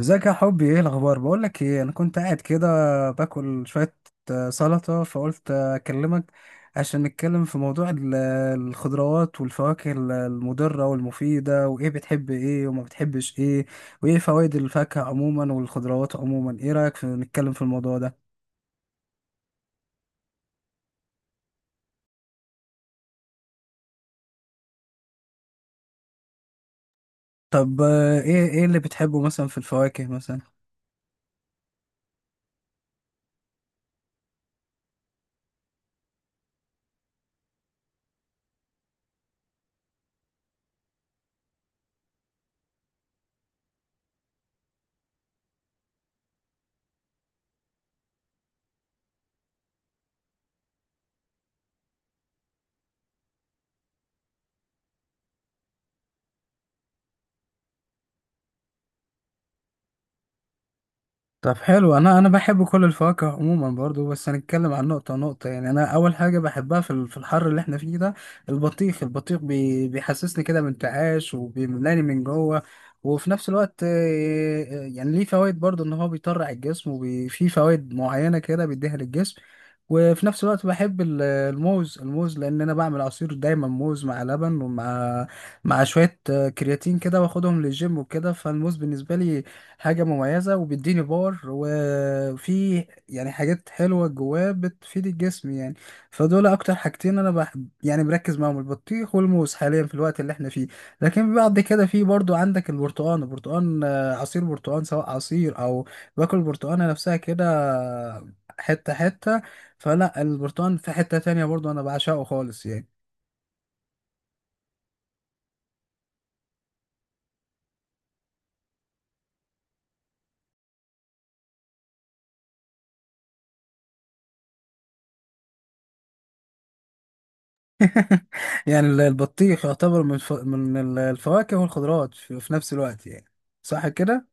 ازيك يا حبي؟ ايه الاخبار؟ بقول لك ايه، انا كنت قاعد كده باكل شويه سلطه، فقلت اكلمك عشان نتكلم في موضوع الخضروات والفواكه المضره والمفيده، وايه بتحب ايه وما بتحبش ايه، وايه فوائد الفاكهه عموما والخضروات عموما. ايه رايك في نتكلم في الموضوع ده؟ طب ايه اللي بتحبه مثلا في الفواكه مثلا؟ طب حلو. انا بحب كل الفواكه عموما برضو، بس هنتكلم عن نقطه نقطه. يعني انا اول حاجه بحبها في في الحر اللي احنا فيه ده البطيخ. البطيخ بيحسسني كده بانتعاش وبيملاني من جوه، وفي نفس الوقت يعني ليه فوائد برضو، ان هو بيطرع الجسم وفي فوائد معينه كده بيديها للجسم. وفي نفس الوقت بحب الموز. الموز لان انا بعمل عصير دايما موز مع لبن، ومع شويه كرياتين كده، واخدهم للجيم وكده. فالموز بالنسبه لي حاجة مميزة وبيديني باور، وفي يعني حاجات حلوة جواه بتفيد الجسم يعني. فدول أكتر حاجتين أنا بحب يعني مركز معاهم، البطيخ والموز، حاليا في الوقت اللي احنا فيه. لكن بعد كده في برضو عندك البرتقان. البرتقان عصير برتقان، سواء عصير أو باكل البرتقانة نفسها كده حتة حتة. فلا البرتقان في حتة تانية برضو أنا بعشقه خالص يعني. يعني البطيخ يعتبر من الفواكه والخضروات في في نفس الوقت يعني، صح كده؟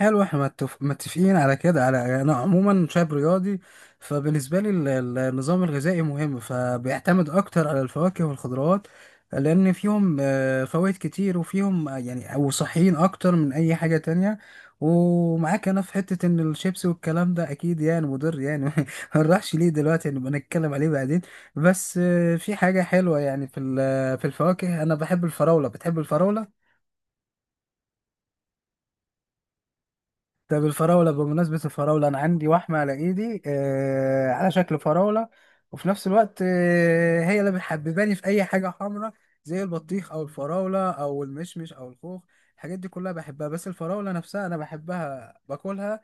حلو، احنا متفقين على كده. على يعني انا عموما شاب رياضي، فبالنسبه لي النظام الغذائي مهم، فبيعتمد اكتر على الفواكه والخضروات، لان فيهم فوائد كتير، وفيهم يعني او صحيين اكتر من اي حاجه تانية. ومعاك انا في حته ان الشيبس والكلام ده اكيد يعني مضر يعني. ما نروحش ليه دلوقتي، نبقى نتكلم عليه بعدين. بس في حاجه حلوه يعني في في الفواكه، انا بحب الفراوله. بتحب الفراوله؟ طب الفراولة، بمناسبة الفراولة، أنا عندي وحمة على إيدي آه على شكل فراولة، وفي نفس الوقت آه هي اللي بتحبباني في أي حاجة حمراء، زي البطيخ أو الفراولة أو المشمش أو الخوخ. الحاجات دي كلها بحبها، بس الفراولة نفسها أنا بحبها باكلها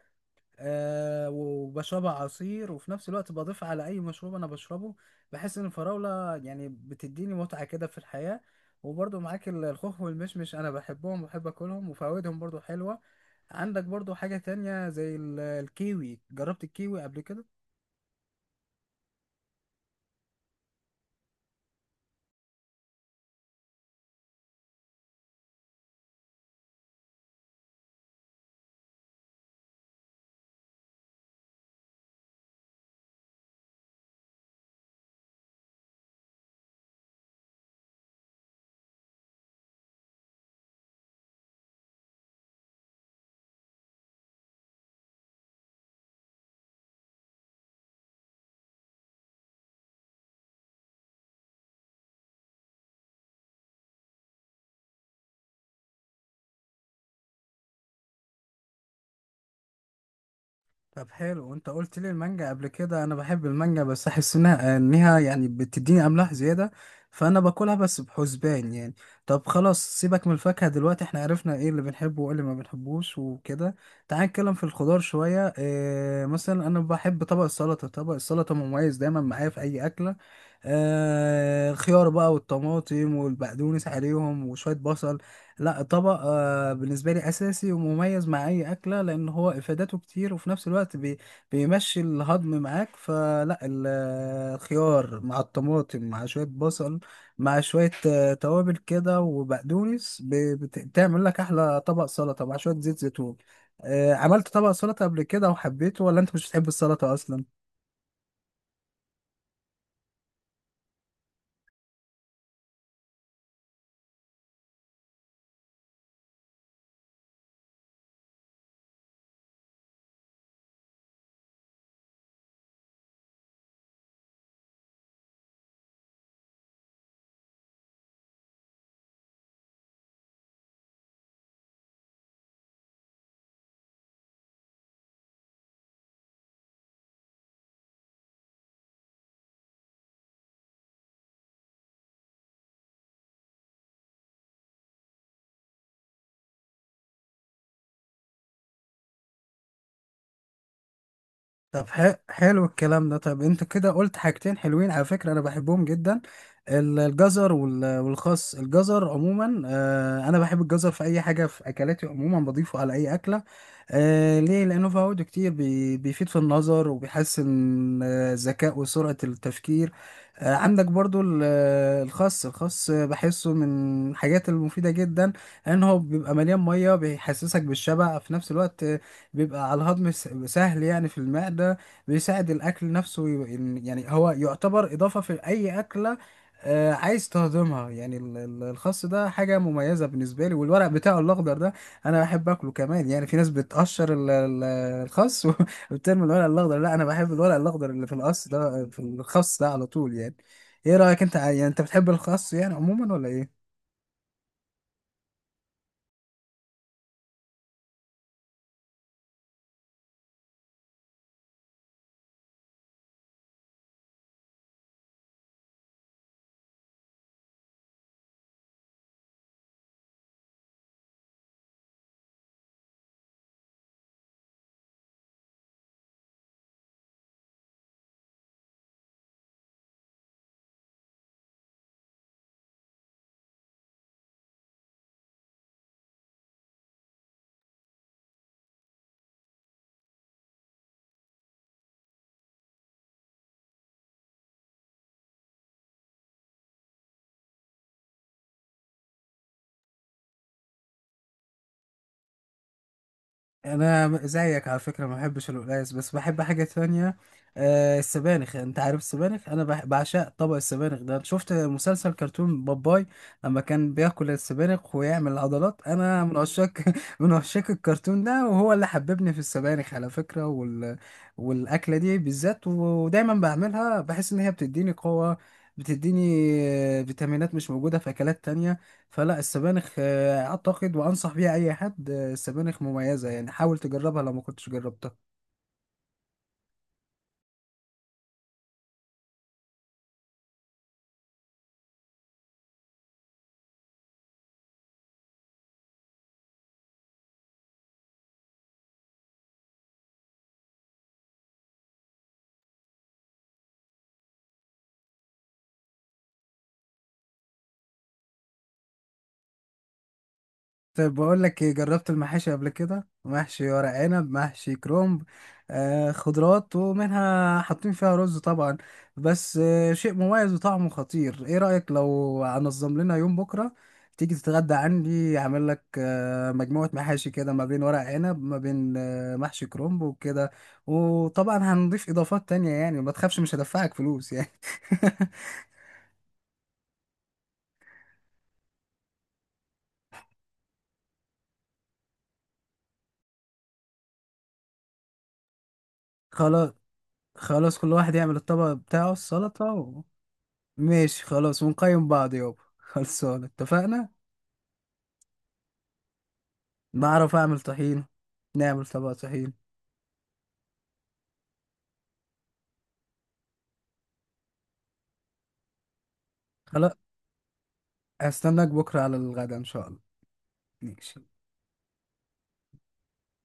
آه وبشربها عصير، وفي نفس الوقت بضيف على اي مشروب انا بشربه. بحس ان الفراولة يعني بتديني متعة كده في الحياة. وبرضو معاك، الخوخ والمشمش انا بحبهم وبحب اكلهم وفوائدهم برضو حلوة. عندك برضو حاجة تانية زي الكيوي. جربت الكيوي قبل كده؟ طب حلو، وانت قلت لي المانجا قبل كده. انا بحب المانجا بس احس انها يعني بتديني املاح زياده، فانا باكلها بس بحسبان يعني. طب خلاص، سيبك من الفاكهه دلوقتي، احنا عرفنا ايه اللي بنحبه وايه اللي ما بنحبوش وكده. تعال نتكلم في الخضار شويه. اه مثلا انا بحب طبق السلطه. طبق السلطه مميز دايما معايا في اي اكله. اه الخيار بقى والطماطم والبقدونس عليهم وشويه بصل. لا طبق بالنسبة لي أساسي ومميز مع أي أكلة، لأن هو إفادته كتير، وفي نفس الوقت بيمشي الهضم معاك. فلا الخيار مع الطماطم مع شوية بصل، مع شوية توابل كده وبقدونس، بتعمل لك أحلى طبق سلطة مع شوية زيت زيتون. عملت طبق سلطة قبل كده وحبيته، ولا أنت مش بتحب السلطة أصلا؟ طب حلو الكلام ده. طب انت كده قلت حاجتين حلوين، على فكرة انا بحبهم جدا، الجزر والخس. الجزر عموما انا بحب الجزر في اي حاجة، في اكلاتي عموما بضيفه على اي اكلة ليه؟ لانه فوائده كتير، بيفيد في النظر، وبيحسن الذكاء وسرعة التفكير. عندك برضو الخس. الخس بحسه من الحاجات المفيدة جدا، لان هو بيبقى مليان مية، بيحسسك بالشبع في نفس الوقت، بيبقى على الهضم سهل يعني في المعدة، بيساعد الأكل نفسه يعني هو يعتبر إضافة في أي أكلة عايز تهضمها يعني. الخس ده حاجة مميزة بالنسبة لي، والورق بتاعه الأخضر ده أنا بحب أكله كمان. يعني في ناس بتقشر الخس وبترمي الورق الأخضر. لا أنا بحب الورق الأخضر اللي في القص ده في الخس ده على طول يعني. إيه رأيك أنت يعني أنت بتحب الخس يعني عموما ولا إيه؟ انا زيك على فكره، ما بحبش القلقاس، بس بحب حاجه تانية، آه السبانخ. انت عارف السبانخ؟ انا بعشق طبق السبانخ ده. أنت شفت مسلسل كرتون باباي لما كان بياكل السبانخ ويعمل عضلات؟ انا من عشاق من عشاق الكرتون ده، وهو اللي حببني في السبانخ على فكره، والاكله دي بالذات، ودايما بعملها، بحس ان هي بتديني قوه، بتديني فيتامينات مش موجودة في أكلات تانية. فلا السبانخ أعتقد وأنصح بيها أي حد، السبانخ مميزة يعني، حاول تجربها لو ما كنتش جربتها. طيب بقول لك إيه، جربت المحاشي قبل كده؟ محشي ورق عنب، محشي كرومب، آه خضروات ومنها، حاطين فيها رز طبعا، بس آه شيء مميز وطعمه خطير. ايه رأيك لو هنظم لنا يوم بكرة تيجي تتغدى عندي، اعمل لك آه مجموعة محاشي كده، ما بين ورق عنب، ما بين آه محشي كرومب وكده، وطبعا هنضيف اضافات تانية. يعني ما تخافش مش هدفعك فلوس يعني. خلاص، خلاص كل واحد يعمل الطبق بتاعه السلطة و... ماشي خلاص، ونقيم بعض يابا، خلصان، اتفقنا. بعرف اعمل طحين، نعمل طبق طحين. خلاص، هستناك بكرة على الغدا ان شاء الله. ماشي.